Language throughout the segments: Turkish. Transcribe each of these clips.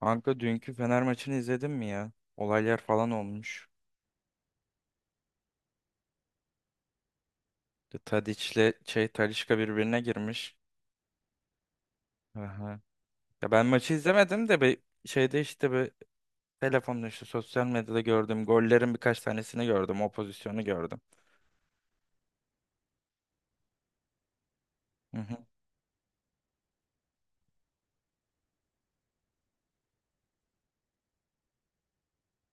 Kanka dünkü Fener maçını izledin mi ya? Olaylar falan olmuş. De Tadiç'le Talisca birbirine girmiş. Aha. Ya ben maçı izlemedim de bir telefonda işte sosyal medyada gördüm. Gollerin birkaç tanesini gördüm. O pozisyonu gördüm. Hı hı.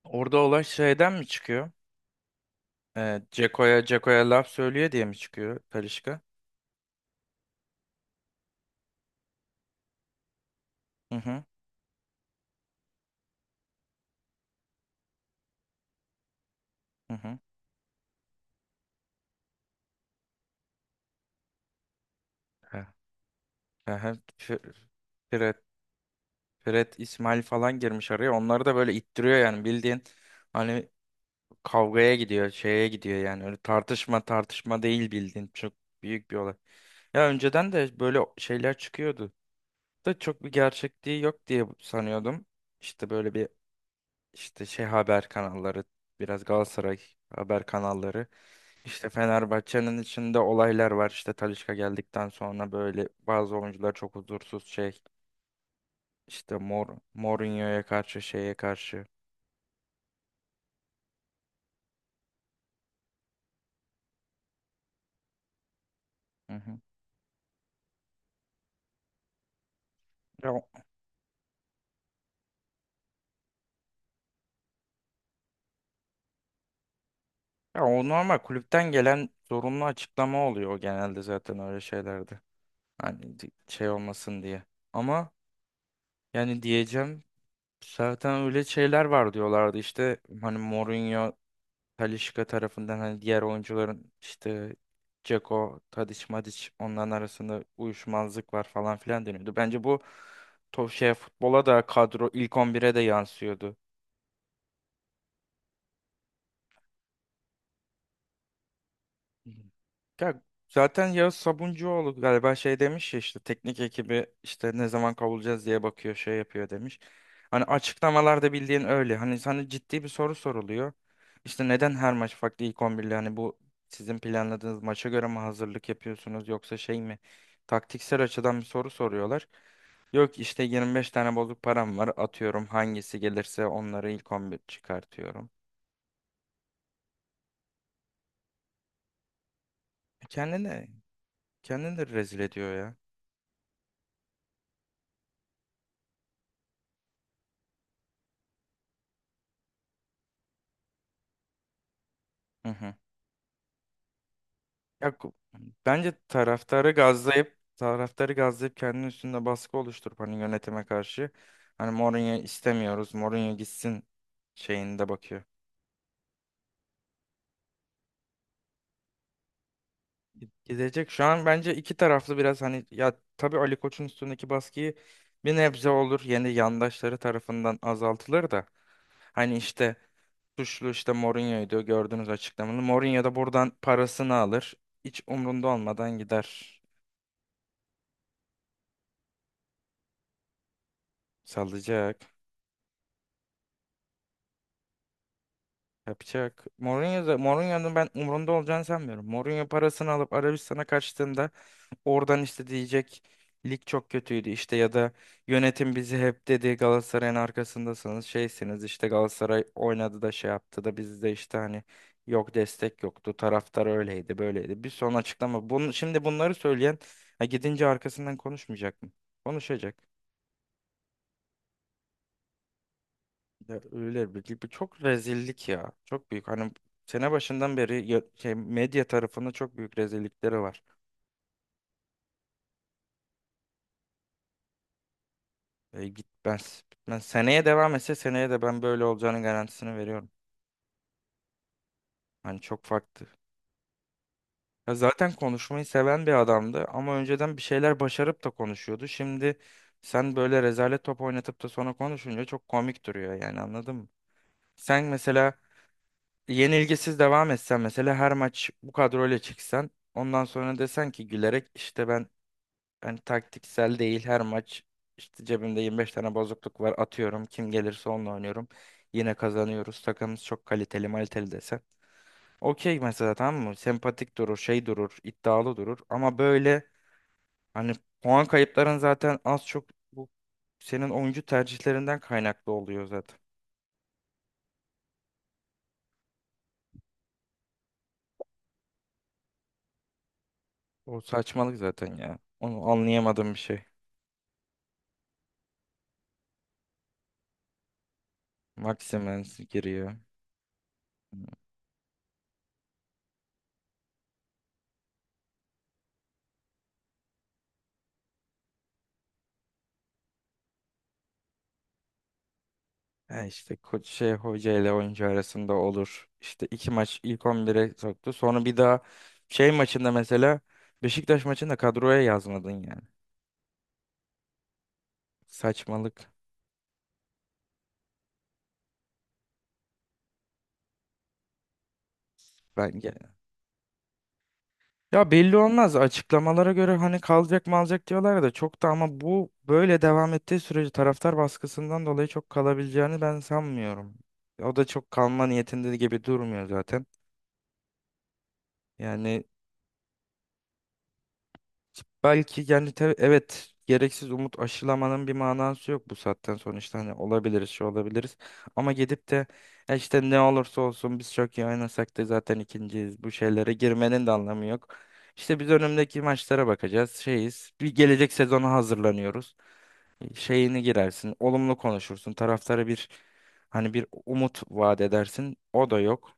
Orada olay şeyden mi çıkıyor? Ceko'ya laf söylüyor diye mi çıkıyor Talisca? Hı hı. Hı hı. He. He he. Fred, Fred, İsmail falan girmiş araya. Onları da böyle ittiriyor yani bildiğin. Hani kavgaya gidiyor, şeye gidiyor yani. Öyle tartışma tartışma değil bildiğin çok büyük bir olay. Ya önceden de böyle şeyler çıkıyordu. Da çok bir gerçekliği yok diye sanıyordum. İşte böyle bir haber kanalları, biraz Galatasaray haber kanalları. İşte Fenerbahçe'nin içinde olaylar var. İşte Talisca geldikten sonra böyle bazı oyuncular çok huzursuz. İşte Mourinho'ya karşı şeye karşı. Hı hı. Ya Ya o normal kulüpten gelen zorunlu açıklama oluyor o genelde zaten öyle şeylerde. Hani şey olmasın diye. Ama yani diyeceğim zaten öyle şeyler var diyorlardı işte hani Mourinho, Talisca tarafından hani diğer oyuncuların işte Dzeko, Tadic, Madic onların arasında uyuşmazlık var falan filan deniyordu. Bence bu to şey futbola da kadro ilk 11'e de yansıyordu. Hı hı. Ya zaten Yağız Sabuncuoğlu galiba şey demiş ya işte teknik ekibi işte ne zaman kavulacağız diye bakıyor şey yapıyor demiş. Hani açıklamalarda bildiğin öyle. Hani sana ciddi bir soru soruluyor. İşte neden her maç farklı ilk on birli hani bu sizin planladığınız maça göre mi hazırlık yapıyorsunuz yoksa şey mi? Taktiksel açıdan bir soru soruyorlar. Yok işte 25 tane bozuk param var atıyorum hangisi gelirse onları ilk 11 çıkartıyorum. Kendini kendini de rezil ediyor ya. Hı hı. Ya, bence taraftarı gazlayıp kendinin üstünde baskı oluşturup hani yönetime karşı hani Mourinho istemiyoruz. Mourinho gitsin şeyinde bakıyor. Gidecek şu an bence iki taraflı biraz hani ya tabii Ali Koç'un üstündeki baskıyı bir nebze olur yeni yandaşları tarafından azaltılır da hani işte suçlu işte Mourinho'ydu gördüğünüz açıklamanı. Mourinho da buradan parasını alır. Hiç umrunda olmadan gider. Salacak. Yapacak. Mourinho'da, Mourinho'nun ben umurunda olacağını sanmıyorum. Mourinho parasını alıp Arabistan'a kaçtığında oradan işte diyecek lig çok kötüydü işte ya da yönetim bizi hep dedi Galatasaray'ın arkasındasınız şeysiniz işte Galatasaray oynadı da şey yaptı da bizde işte hani yok destek yoktu taraftar öyleydi böyleydi bir son açıklama. Şimdi bunları söyleyen ha, gidince arkasından konuşmayacak mı? Konuşacak. Ya öyle bir gibi çok rezillik ya. Çok büyük. Hani sene başından beri medya tarafında çok büyük rezillikleri var. Gitmez. Bitmez. Seneye devam etse seneye de ben böyle olacağının garantisini veriyorum. Hani çok farklı. Ya zaten konuşmayı seven bir adamdı ama önceden bir şeyler başarıp da konuşuyordu. Şimdi sen böyle rezalet top oynatıp da sonra konuşunca çok komik duruyor yani anladın mı? Sen mesela yenilgisiz devam etsen mesela her maç bu kadroyla çıksan ondan sonra desen ki gülerek işte ben hani taktiksel değil her maç işte cebimde 25 tane bozukluk var atıyorum kim gelirse onunla oynuyorum yine kazanıyoruz takımımız çok kaliteli maliteli desen okey mesela tamam mı sempatik durur şey durur iddialı durur ama böyle hani puan kayıpların zaten az çok bu senin oyuncu tercihlerinden kaynaklı oluyor zaten o saçmalık zaten ya onu anlayamadığım bir şey Maximens giriyor. Ha işte hoca ile oyuncu arasında olur. İşte iki maç ilk 11'e soktu. Sonra bir daha maçında mesela Beşiktaş maçında kadroya yazmadın yani. Saçmalık bence. Ya belli olmaz. Açıklamalara göre hani kalacak mı alacak diyorlar da çok da ama bu böyle devam ettiği sürece taraftar baskısından dolayı çok kalabileceğini ben sanmıyorum. O da çok kalma niyetinde gibi durmuyor zaten. Yani belki evet gereksiz umut aşılamanın bir manası yok bu saatten sonra işte hani olabiliriz olabiliriz ama gidip de "E işte ne olursa olsun biz çok iyi oynasak da zaten ikinciyiz bu şeylere girmenin de anlamı yok. İşte biz önümdeki maçlara bakacağız şeyiz bir gelecek sezona hazırlanıyoruz şeyini girersin olumlu konuşursun taraftara bir hani bir umut vaat edersin o da yok.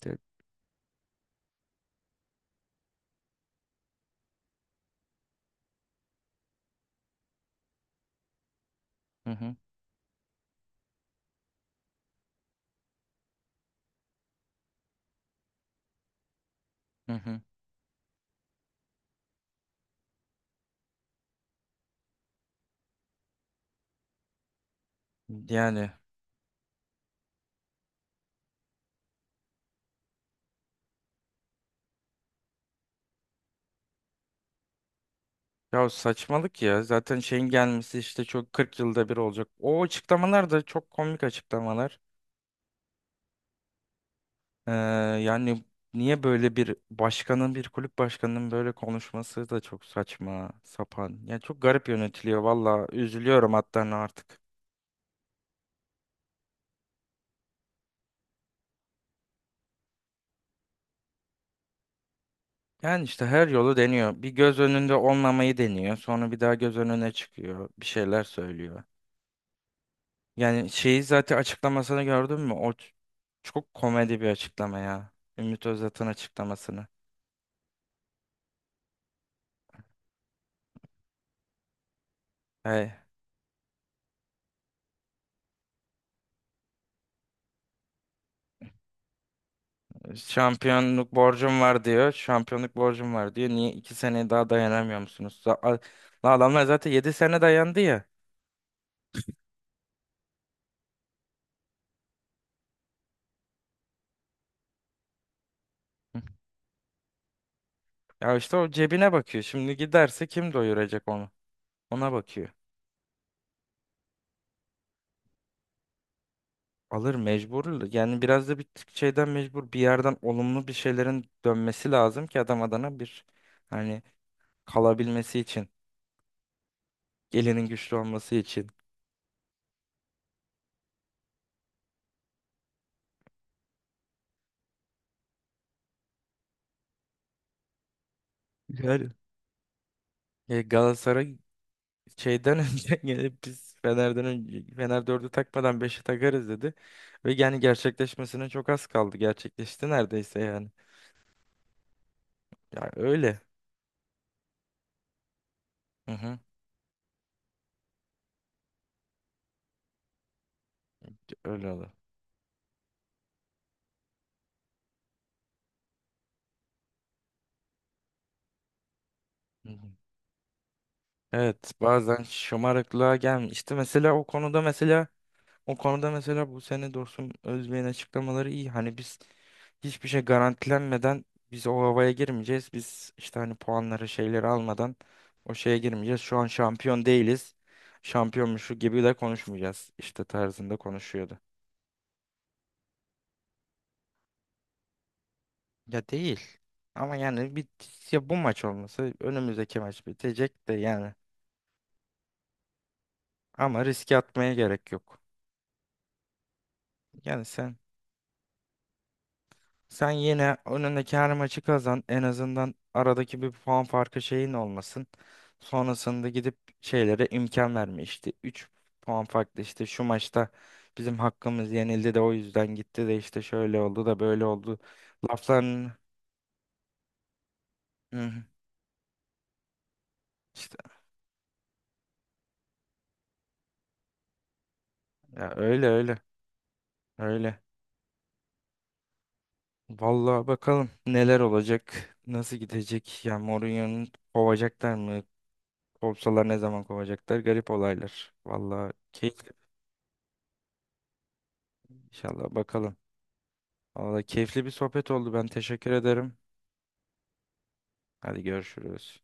Te- Hı hı, hı hı. Yani Ya saçmalık ya. Zaten şeyin gelmesi işte çok 40 yılda bir olacak. O açıklamalar da çok komik açıklamalar. Ee, yani niye böyle bir başkanın, bir kulüp başkanının böyle konuşması da çok saçma, sapan. Ya çok garip yönetiliyor valla. Üzülüyorum hatta artık. Yani işte her yolu deniyor. Bir göz önünde olmamayı deniyor. Sonra bir daha göz önüne çıkıyor. Bir şeyler söylüyor. Yani şeyi zaten açıklamasını gördün mü? O çok komedi bir açıklama ya. Ümit Özdağ'ın açıklamasını. Hey, şampiyonluk borcum var diyor. Şampiyonluk borcum var diyor. Niye 2 sene daha dayanamıyor musunuz? Lan adamlar zaten 7 sene dayandı ya. Hı. Ya işte o cebine bakıyor. Şimdi giderse kim doyuracak onu? Ona bakıyor. Alır mecbur. Yani biraz da bir tık şeyden mecbur. Bir yerden olumlu bir şeylerin dönmesi lazım ki adam adana bir hani kalabilmesi için. Gelinin güçlü olması için. Yani. Galatasaray şeyden önce gelip biz Fener'den önce Fener 4'ü takmadan beşi takarız dedi. Ve yani gerçekleşmesine çok az kaldı. Gerçekleşti neredeyse yani. Ya öyle. Hı hı. Öyle oldu. Hı hı. Evet bazen şımarıklığa gelmiş. İşte mesela o konuda mesela bu sene Dursun Özbey'in açıklamaları iyi. Hani biz hiçbir şey garantilenmeden biz o havaya girmeyeceğiz. Biz işte hani puanları şeyleri almadan o şeye girmeyeceğiz. Şu an şampiyon değiliz. Şampiyonmuşu gibi de konuşmayacağız. İşte tarzında konuşuyordu. Ya değil. Ama yani bir ya bu maç olması önümüzdeki maç bitecek de yani. Ama riske atmaya gerek yok. Yani Sen yine önündeki her maçı kazan. En azından aradaki bir puan farkı şeyin olmasın. Sonrasında gidip şeylere imkan verme işte. 3 puan farklı işte şu maçta bizim hakkımız yenildi de o yüzden gitti de işte şöyle oldu da böyle oldu. Lafların. Hı hı. işte ya öyle öyle öyle. Vallahi bakalım neler olacak, nasıl gidecek. Ya Mourinho'nun kovacaklar mı? Kovsalar ne zaman kovacaklar? Garip olaylar. Vallahi keyifli. İnşallah bakalım. Valla keyifli bir sohbet oldu. Ben teşekkür ederim. Hadi görüşürüz.